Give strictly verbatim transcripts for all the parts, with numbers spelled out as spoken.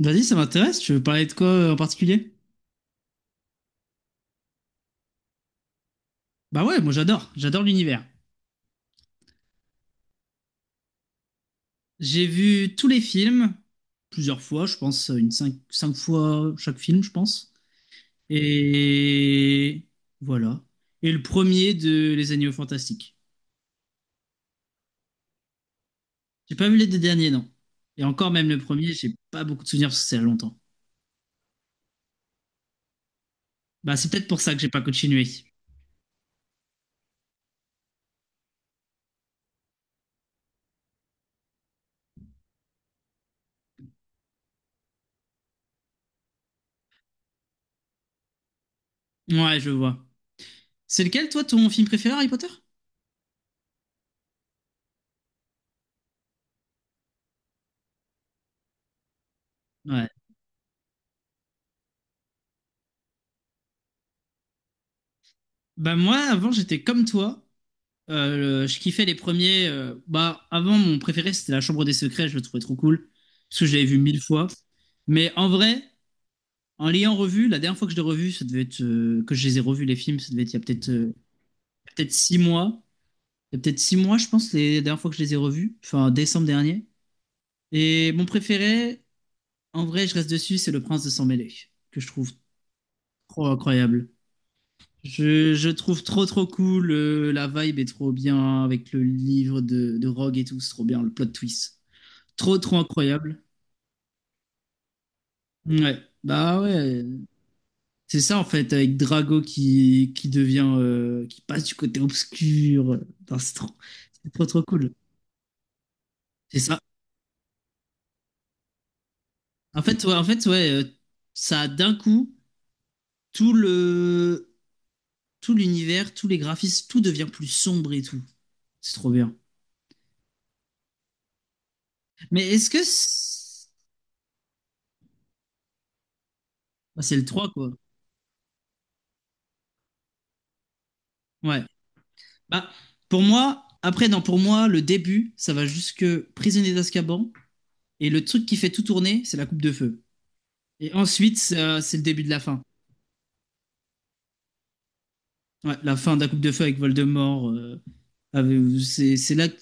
Vas-y, ça m'intéresse. Tu veux parler de quoi euh, en particulier? Bah ouais, moi j'adore, j'adore l'univers. J'ai vu tous les films, plusieurs fois, je pense, euh, une cinq, cinq fois chaque film, je pense. Et voilà. Et le premier de Les Animaux Fantastiques. J'ai pas vu les deux derniers, non. Et encore même le premier, j'ai pas beaucoup de souvenirs parce que c'est il y a longtemps. Bah c'est peut-être pour ça que j'ai pas continué. Ouais, je vois. C'est lequel, toi, ton film préféré, Harry Potter? Ouais. Bah moi, avant, j'étais comme toi. Euh, le- je kiffais les premiers. euh, bah, avant, mon préféré, c'était La Chambre des Secrets. Je le trouvais trop cool. Parce que je l'avais vu mille fois. Mais en vrai, en l'ayant revu, la dernière fois que je l'ai revu, ça devait être. Euh, que je les ai revus, les films, ça devait être il y a peut-être euh, peut-être six mois. Il y a peut-être six mois, je pense, les dernières fois que je les ai revus. Enfin, en décembre dernier. Et mon préféré, en vrai, je reste dessus, c'est Le Prince de Sang-Mêlé. Que je trouve trop incroyable. Je, je trouve trop trop cool, euh, la vibe est trop bien avec le livre de, de Rogue et tout, c'est trop bien, le plot twist. Trop, trop incroyable. Ouais. Bah ouais. C'est ça en fait, avec Drago qui, qui devient. euh, qui passe du côté obscur. Non, c'est trop, c'est trop, trop cool. C'est ça. En fait, ouais, en fait, ouais, euh, ça a d'un coup, tout le, tout l'univers, tous les graphismes, tout devient plus sombre et tout. C'est trop bien. Mais est-ce que. C'est bah, c'est le trois quoi. Ouais. Bah, pour moi, après, non, pour moi, le début, ça va jusque prisonnier d'Azkaban. Et le truc qui fait tout tourner, c'est la coupe de feu. Et ensuite, ça- c'est le début de la fin. Ouais, la fin de la Coupe de Feu avec Voldemort. euh, avec- c'est c'est là. que-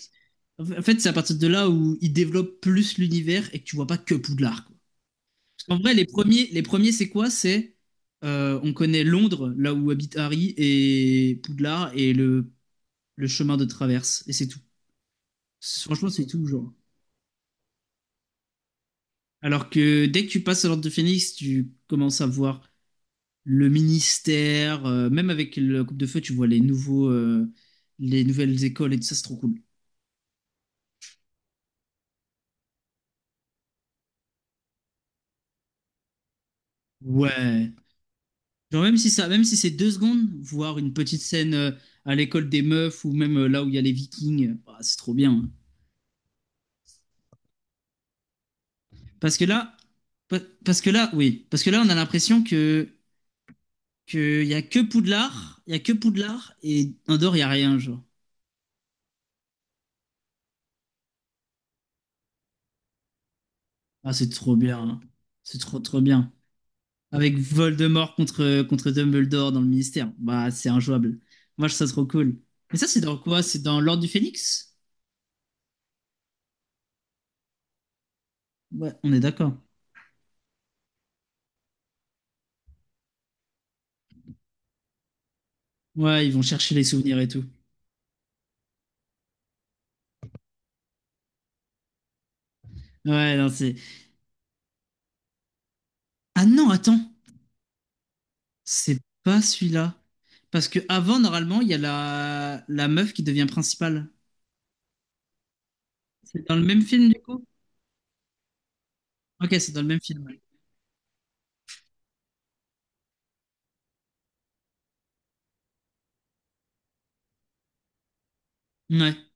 En fait, c'est à partir de là où il développe plus l'univers et que tu vois pas que Poudlard, quoi. Parce qu'en vrai, les premiers, les premiers, c'est quoi? C'est euh, on connaît Londres, là où habite Harry, et Poudlard et le, le chemin de traverse. Et c'est tout. C'est- Franchement, c'est tout, genre. Alors que dès que tu passes à l'Ordre de Phénix, tu commences à voir. Le ministère, euh, même avec la Coupe de Feu, tu vois les nouveaux, euh, les nouvelles écoles et tout ça, c'est trop cool. Ouais. Genre même si ça, même si c'est deux secondes, voir une petite scène euh, à l'école des meufs ou même euh, là où il y a les Vikings, euh, bah, c'est trop bien, hein. Parce que là, pa- parce que là, oui, parce que là, on a l'impression que que y a que Poudlard, il y a que Poudlard et Andorre, il y a rien, genre. Ah, c'est trop bien, hein. C'est trop trop bien. Avec Voldemort contre, contre Dumbledore dans le ministère. Bah, c'est injouable. Moi, je trouve ça trop cool. Mais ça, c'est dans quoi? C'est dans l'Ordre du Phénix? Ouais, on est d'accord. Ouais, ils vont chercher les souvenirs et tout. Ouais, non, c'est. Ah non, attends, c'est pas celui-là. Parce que avant, normalement, il y a la... la meuf qui devient principale. C'est dans le même film, du coup? Ok, c'est dans le même film. Ouais, Ouais.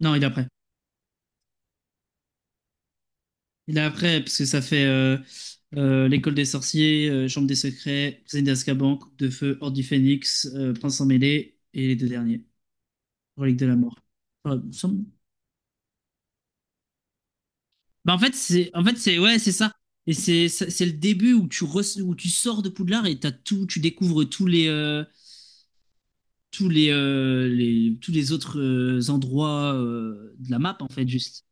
Non, il est après. Il est après, parce que ça fait euh, euh, l'école des sorciers, euh, chambre des secrets, prisonnier d'Azkaban, coupe de feu, horde du phénix, euh, prince en mêlée, et les deux derniers, relique de la mort. Enfin, il me semble- bah, en fait, c'est, en fait, c'est, ouais, c'est ça. Et c'est, c'est c'est le début où tu, re- où tu sors de Poudlard et t'as tout, tu découvres tous les, euh, tous les, euh, les, tous les autres euh, endroits euh, de la map, en fait, juste.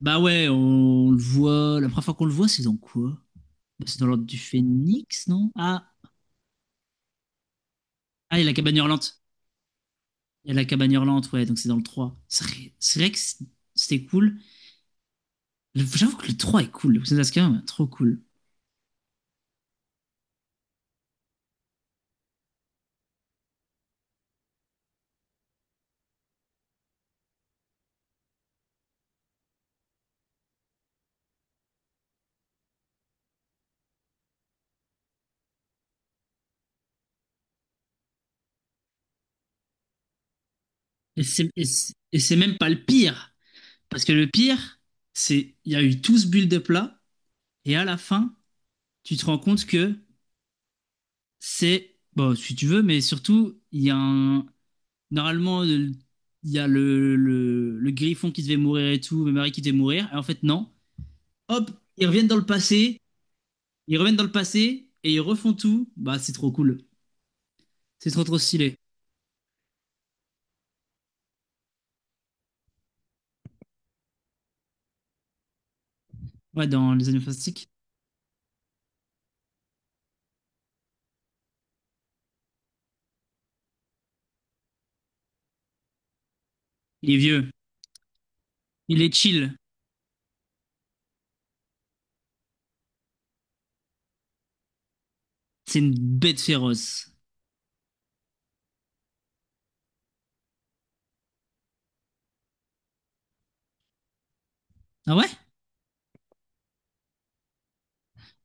Bah ouais, on, le voit, la première fois qu'on le voit, c'est dans quoi? Bah, C'est dans l'ordre du phénix, non? Ah, Ah, il y a la cabane hurlante. Il y a la cabane hurlante, ouais, donc c'est dans le trois. C'est vrai, c'est vrai que c- c'était cool. J'avoue que le trois est cool. Le Crimson Cascade, ouais, trop cool. Et c'est et c'est- et c'est même pas le pire. Parce que le pire, c'est il y a eu tout ce build-up là, et à la fin, tu te rends compte que c'est. Bon, si tu veux, mais surtout, il y a un. Normalement, le- il y a le, le, le griffon qui devait mourir et tout, Mary qui devait mourir. Et en fait, non. Hop, ils reviennent dans le passé Ils reviennent dans le passé et ils refont tout. Bah, c'est trop cool. C'est trop, trop stylé. Ouais, dans Les Animaux Fantastiques. Il est vieux. Il est chill. C'est une bête féroce. Ah ouais?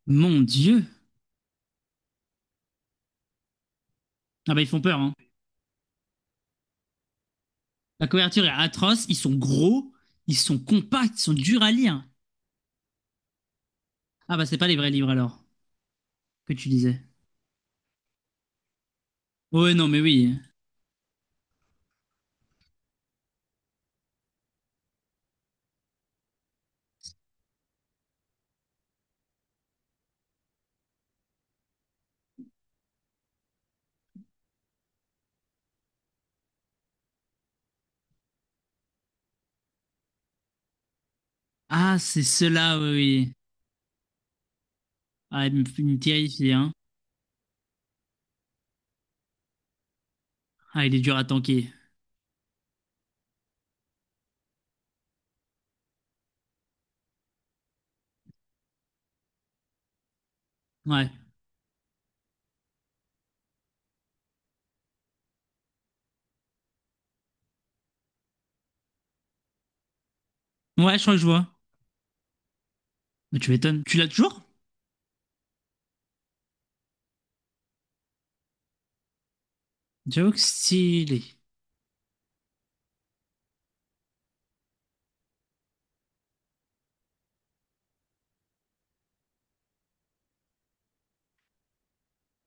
Mon Dieu. Ah bah, ils font peur, hein. La couverture est atroce. Ils sont gros. Ils sont compacts. Ils sont durs à lire. Ah bah, c'est pas les vrais livres, alors, que tu disais. Ouais, non, mais oui. Ah, c'est cela, oui, oui. Ah, il me, il me terrifie, hein. Ah, il est dur à tanker. Ouais. Ouais, je crois que je vois. Mais tu m'étonnes. Tu l'as toujours? J'avoue que stylé.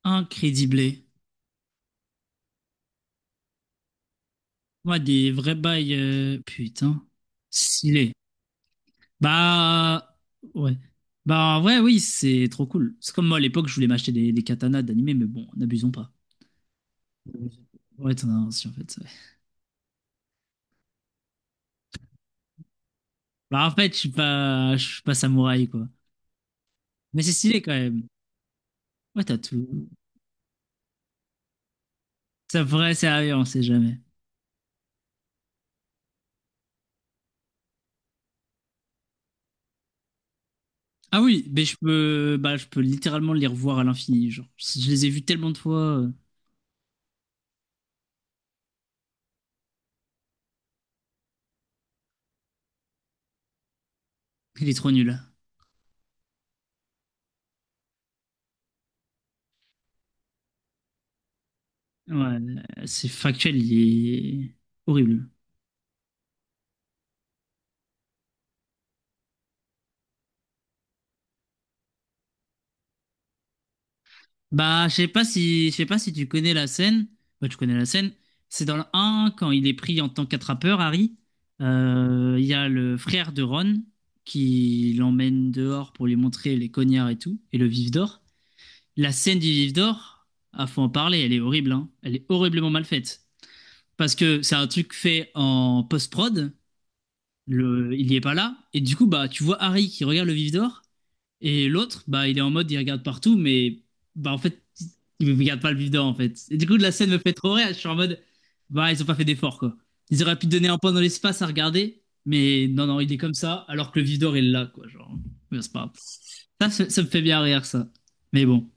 Incrédible. Ouais, des vrais bails. euh, Putain. Stylé. Bah. Ouais. Bah, ouais, oui, c'est trop cool. C'est comme moi à l'époque, je voulais m'acheter des, des katanas d'animé, mais bon, n'abusons pas. Ouais, t'en as un aussi en fait. ouais. Bah, en fait, je suis pas, je suis pas samouraï, quoi. Mais c'est stylé quand même. Ouais, t'as tout. C'est vrai, c'est sérieux, on sait jamais. Ah oui, mais je peux, bah, je peux littéralement les revoir à l'infini. Genre, je les ai vus tellement de fois. euh, Il est trop nul. Ouais, c'est factuel, il est horrible. Bah, je sais pas si, je sais pas si tu connais la scène. Bah, tu connais la scène. C'est dans le un, quand il est pris en tant qu'attrapeur, Harry. Euh, Il y a le frère de Ron qui l'emmène dehors pour lui montrer les cognards et tout, et le vif d'or. La scène du vif d'or, ah, faut en parler, elle est horrible, hein. Elle est horriblement mal faite. Parce que c'est un truc fait en post-prod, le, il n'y est pas là, et du coup, bah, tu vois Harry qui regarde le vif d'or, et l'autre, bah, il est en mode, il regarde partout, mais bah, en fait, il ne regarde pas le vivant, en fait. Et du coup, la scène me fait trop rire. Je suis en mode, bah, ils ont pas fait d'effort, quoi. Ils auraient pu donner un point dans l'espace à regarder, mais non, non, il est comme ça, alors que le vivant est là, quoi. Genre, mais c'est pas grave. Ça, ça, ça me fait bien rire, ça. Mais bon.